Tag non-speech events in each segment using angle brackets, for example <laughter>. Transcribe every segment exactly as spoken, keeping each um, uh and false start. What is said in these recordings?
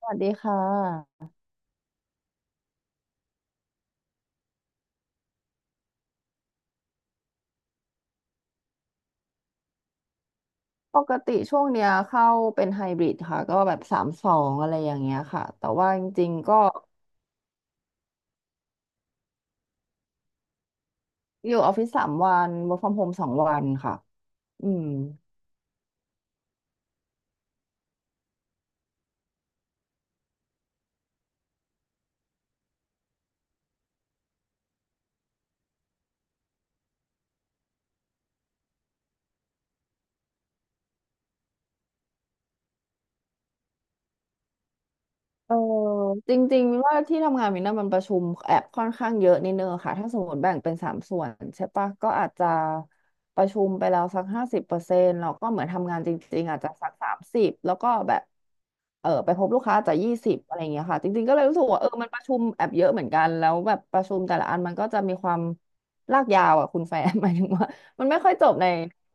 สวัสดีค่ะปกติช่วงเนี้ยเข้าเป็นไฮบริดค่ะก็แบบสามสองอะไรอย่างเงี้ยค่ะแต่ว่าจริงๆก็อยู่ออฟฟิศสามวัน เวิร์คฟรอมโฮม สองวันค่ะอืม เออจริงๆมินว่าที่ทำงานมินน่ะมันประชุมแอบค่อนข้างเยอะนิดนึงอะค่ะถ้าสมมติแบ่งเป็นสามส่วนใช่ปะก็อาจจะประชุมไปแล้วสักห้าสิบเปอร์เซ็นต์แล้วก็เหมือนทำงานจริงๆอาจจะสักสามสิบแล้วก็แบบเออไปพบลูกค้าอาจจะยี่สิบอะไรอย่างเงี้ยค่ะจริงๆก็เลยรู้สึกว่าเออมันประชุมแอบเยอะเหมือนกันแล้วแบบประชุมแต่ละอันมันก็จะมีความลากยาวอ่ะคุณแฟน <laughs> หมายถึงว่ามันไม่ค่อยจบใน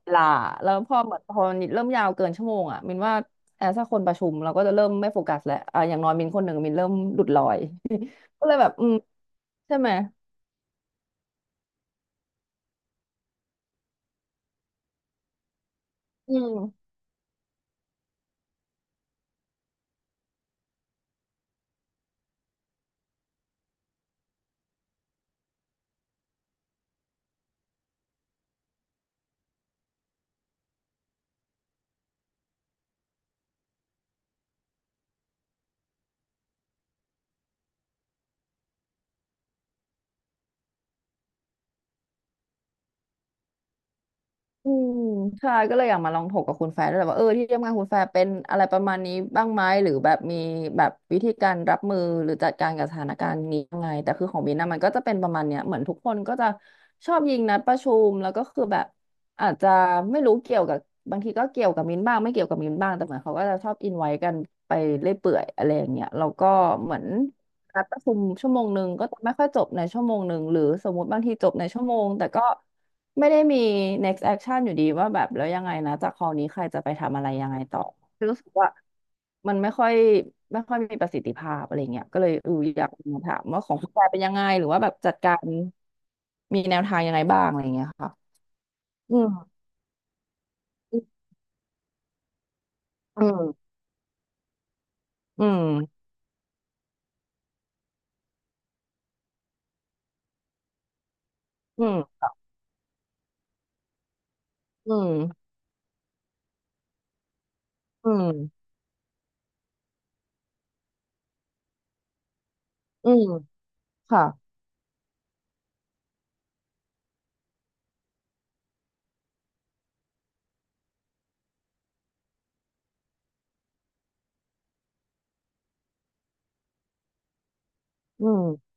เวลาแล้วพอเหมือนพอมันเริ่มยาวเกินชั่วโมงอ่ะมินว่า แอบถ้าคนประชุมเราก็จะเริ่มไม่โฟกัสแล้วอ่ะอย่างน้อยมินคนหนึ่งมินเริ่มหลุดลอย <laughs> ก็เลยแบบอืมใช่ไหมอืม อืมใช่ก็เลยอยากมาลองถกกับคุณแฟร์ด้วยแหละว่าเออที่ทำงานคุณแฟร์เป็นอะไรประมาณนี้บ้างไหมหรือแบบมีแบบวิธีการรับมือหรือจัดการกับสถานการณ์นี้ยังไงแต่คือของบินนะมันก็จะเป็นประมาณเนี้ยเหมือนทุกคนก็จะชอบยิงนัดประชุมแล้วก็คือแบบอาจจะไม่รู้เกี่ยวกับบางทีก็เกี่ยวกับมินบ้างไม่เกี่ยวกับมินบ้างแต่เหมือนเขาก็จะชอบอินไว้กันไปเรื่อยเปื่อยอะไรอย่างเงี้ยแล้วก็เหมือนนัดประชุมชั่วโมงหนึ่งก็จะไม่ค่อยจบในชั่วโมงหนึ่งหรือสมมติบางทีจบในชั่วโมงแต่ก็ ไม่ได้มี เน็กซ์ แอคชั่น อยู่ดีว่าแบบแล้วยังไงนะจากคอนี้ใครจะไปทำอะไรยังไงต่อรู้สึกว่ามันไม่ค่อยไม่ค่อยมีประสิทธิภาพอะไรเงี้ยก็เลยเอออยากมาถามว่าของคุณแปเป็นยังไงหรือว่าแบบจัดการมีแนวทางยังไงบ้างอะไรเงี้ยค่ะ อืมอืมอืมอืมอืมอืมอืมค่ะอืม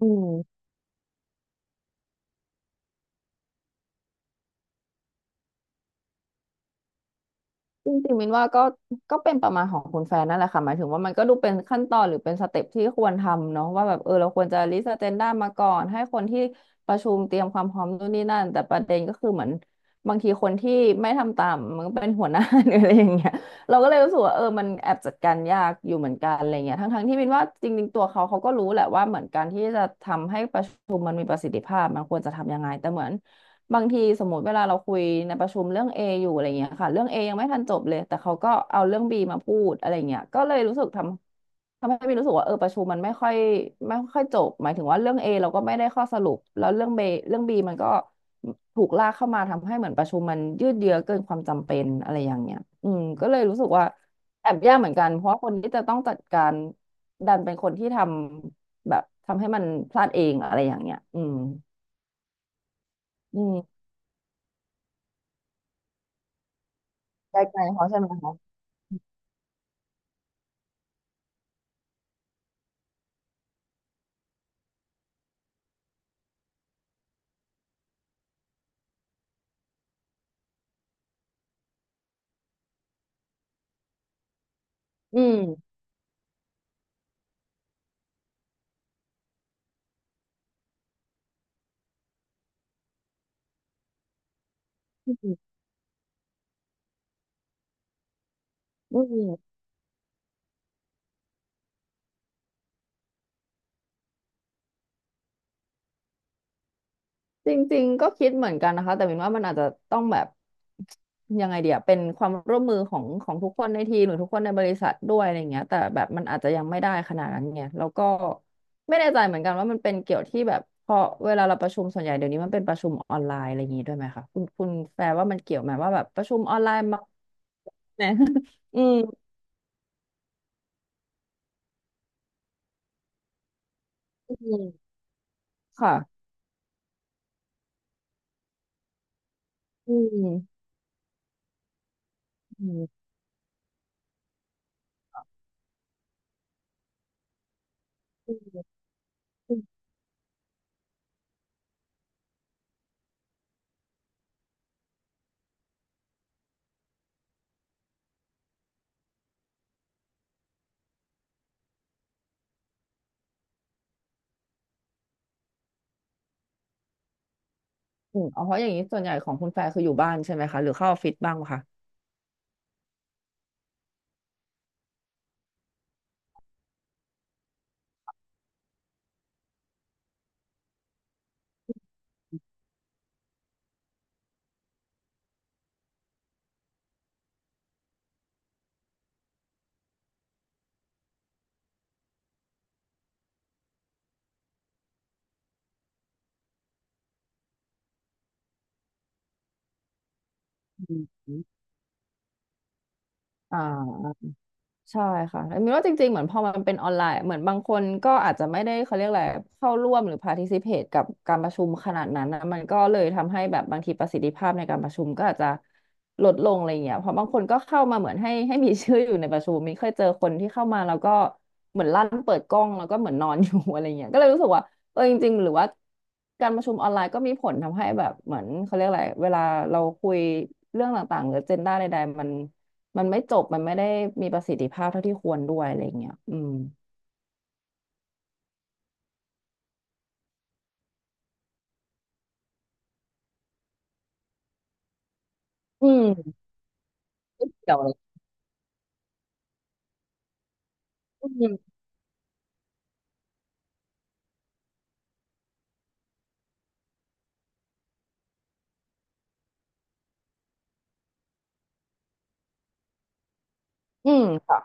อืม จริงๆมินว่าก็ก็เป็นประมาณของคุณแฟนนั่นแหละค่ะหมายถึงว่ามันก็ดูเป็นขั้นตอนหรือเป็นสเต็ปที่ควรทำเนาะว่าแบบเออเราควรจะลิสต์อเจนดามาก่อนให้คนที่ประชุมเตรียมความพร้อมนู่นนี่นั่นแต่ประเด็นก็คือเหมือนบางทีคนที่ไม่ทำตามมันก็เป็นหัวหน้า <laughs> หรืออะไรอย่างเงี้ยเราก็เลยรู้สึกว่าเออมันแอบจัดการยากอยู่เหมือนกันอะไรเงี้ยทั้งๆที่มินว่าจริงๆตัวเขาเขาก็รู้แหละว่าเหมือนการที่จะทำให้ประชุมมันมีประสิทธิภาพมันควรจะทำยังไงแต่เหมือน บางทีสมมติเวลาเราคุยในประชุมเรื่อง A อยู่อะไรเงี้ยค่ะเรื่อง A ยังไม่ทันจบเลยแต่เขาก็เอาเรื่อง B มาพูดอะไรเงี้ยก็เลยรู้สึกทำทำให้มีรู้สึกว่าเออประชุมมันไม่ค่อยไม่ค่อยจบหมายถึงว่าเรื่อง A เราก็ไม่ได้ข้อสรุปแล้วเรื่อง B เรื่อง B มันก็ถูกลากเข้ามาทำให้เหมือนประชุมมันยืดเยื้อเกินความจำเป็นอะไรอย่างเงี้ยอืมก็เลยรู้สึกว่าแอบยากเหมือนกันเพราะว่าคนที่จะต้องจัดการดันเป็นคนที่ทำแบบทำให้มันพลาดเองอะไรอย่างเงี้ยอืมอืมไกลๆเขาใช่ไหมคะ อืมอืมจริงๆก็คิดเหมือนกันนะคะแต่มินว่ามันอาจจะต้องแบบยังไงเดียเป็นความร่วมมือของของทุกคนในทีมหรือทุกคนในบริษัทด้วยอะไรเงี้ยแต่แบบมันอาจจะยังไม่ได้ขนาดนั้นไงแล้วก็ไม่แน่ใจเหมือนกันว่ามันเป็นเกี่ยวที่แบบพอเวลาเราประชุมส่วนใหญ่เดี๋ยวนี้มันเป็นประชุมออนไลน์อะไรอย่างงี้ด้วยไหมคะคุณคุณแฟร์ว่ามันเกี่ยวไหมว่าแบบประชุมออนไลน์มาเนี่ย <laughs> อืมอืมค่ะอืมอืม อืมอ๋อเพราะอย่างนี้ส่วนใหญ่ของคุณแฟร์คืออยู่บ้านใช่ไหมคะหรือเข้าออฟฟิศบ้างปะคะอืมอ่า ใช่ค่ะแต่มินว่าจริงๆเหมือนพอมันเป็นออนไลน์ เหมือนบางคนก็อาจจะไม่ได้เขาเรียกอะไรเข้าร่วมหรือ พาร์ทิซิเพท กับการประชุมขนาดนั้นนะมันก็เลยทำให้แบบบางทีประสิทธิภาพในการประชุมก็อาจจะลดลงอะไรเงี้ยเพราะบางคนก็เข้ามาเหมือนให้ให้มีชื่ออยู่ในประชุมมินเคยเจอคนที่เข้ามาแล้วก็เหมือนลั่นเปิดกล้องแล้วก็เหมือนนอนอยู่ <laughs> อะไรเงี้ยก็เลยรู้สึกว่าเออจริงๆหรือว่าการประชุมออนไลน์ก็มีผลทำให้แบบเหมือนเขาเรียกอะไรเวลาเราคุยเรื่องต่างๆหรือเจนด้าใดๆมัน มันไม่จบ มันไม่ได้มีประสิทธิภาพเท่าที่ควรด้วยอะไรอย่างเงี้ย อืม อืมไม่เกี่ยวเลยอืม อืม ค่ะ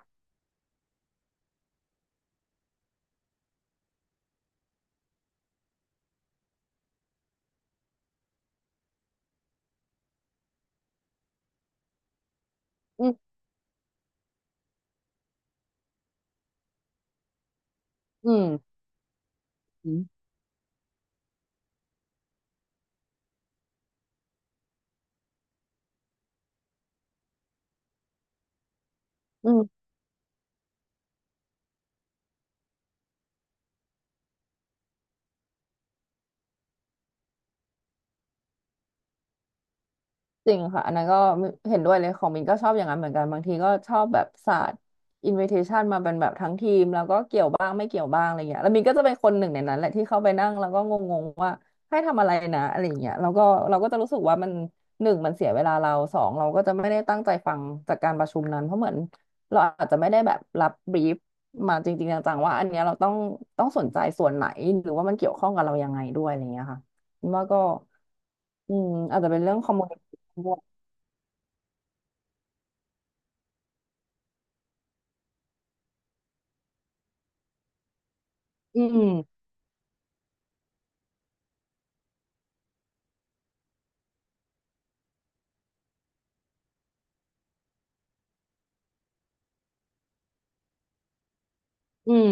อืม อืม อืมอืม จริงค่ะอันนั้นก็เห็นด้วยเลยของมินก็ชอบอย่างนั้นเหมือนกันบางทีก็ชอบแบบศาสตร์อินวิเทชันมาเป็นแบบทั้งทีมแล้วก็เกี่ยวบ้างไม่เกี่ยวบ้างอะไรเงี้ยแล้วมินก็จะเป็นคนหนึ่งในนั้นแหละที่เข้าไปนั่งแล้วก็งงๆว่าให้ทำอะไรนะอะไรเงี้ยแล้วก็เราก็จะรู้สึกว่ามันหนึ่งมันเสียเวลาเราสองเราก็จะไม่ได้ตั้งใจฟังจากการประชุมนั้นเพราะเหมือนเราอาจจะไม่ได้แบบรับบรีฟมาจริงๆจังๆว่าอันเนี้ยเราต้องต้องสนใจส่วนไหนหรือว่ามันเกี่ยวข้องกับเรายังไงด้วยอะไรเงี้ยค่ะมินว่าก็อืมอาจจะเป็นเรื่อง communication อืมอืม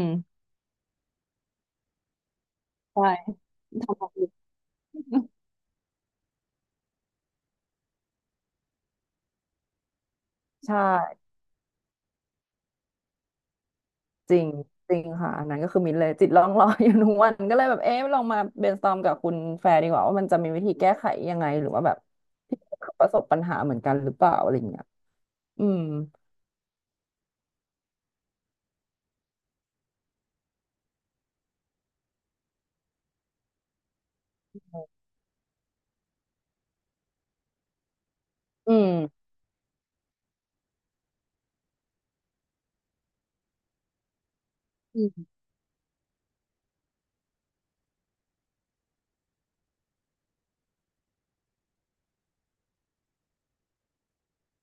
ใช่ทำแบบนี้ใช่จริงจริงค่ะอันนั้นก็คือมิ้นเลยจิตลองรอยอยู่ทุกวันก็เลยแบบเอ๊ะลองมา brainstorm กับคุณแฟร์ดีกว่าว่ามันจะมีวิธีแก้ไขยังไงหรือว่าแบบที่ประสบปัญหาเหมือนกันหรือเปล่าอะไรอย่างเงี้ยอืมอืมอืม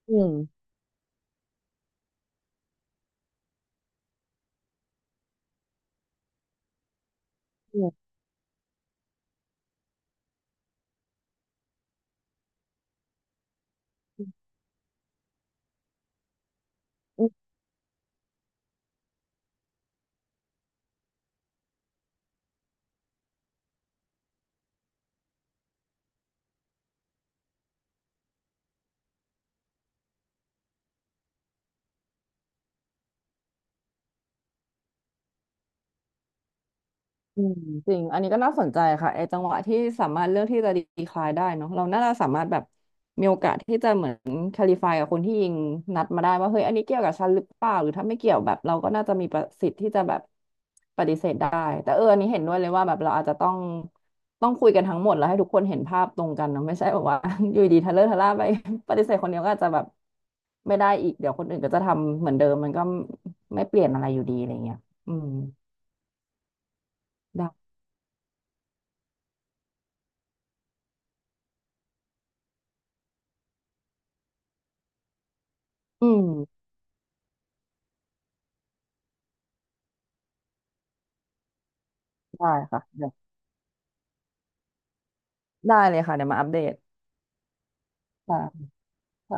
อืมอืม อืมจริงอันนี้ก็น่าสนใจค่ะไอ้จังหวะที่สามารถเลือกที่จะดีคลายได้เนาะเราน่าจะสามารถแบบมีโอกาสที่จะเหมือนคลิฟายกับคนที่ยิงนัดมาได้ว่าเฮ้ยอันนี้เกี่ยวกับฉันหรือเปล่าหรือถ้าไม่เกี่ยวแบบเราก็น่าจะมีประสิทธิ์ที่จะแบบปฏิเสธได้แต่เอออันนี้เห็นด้วยเลยว่าแบบเราอาจจะต้องต้องคุยกันทั้งหมดแล้วให้ทุกคนเห็นภาพตรงกันเนาะไม่ใช่แบบว่า <laughs> อยู่ดีทะเลอะทะล่าไป <laughs> ปฏิเสธคนเดียวก็อาจจะแบบไม่ได้อีกเดี๋ยวคนอื่นก็จะทำเหมือนเดิมมันก็ไม่เปลี่ยนอะไรอยู่ดีอะไรเงี้ยอืมได้อืม ได้ค่ะเดี๋ยวได้เลยค่ะเดี๋ยวมาอัปเดตค่ะค่ะ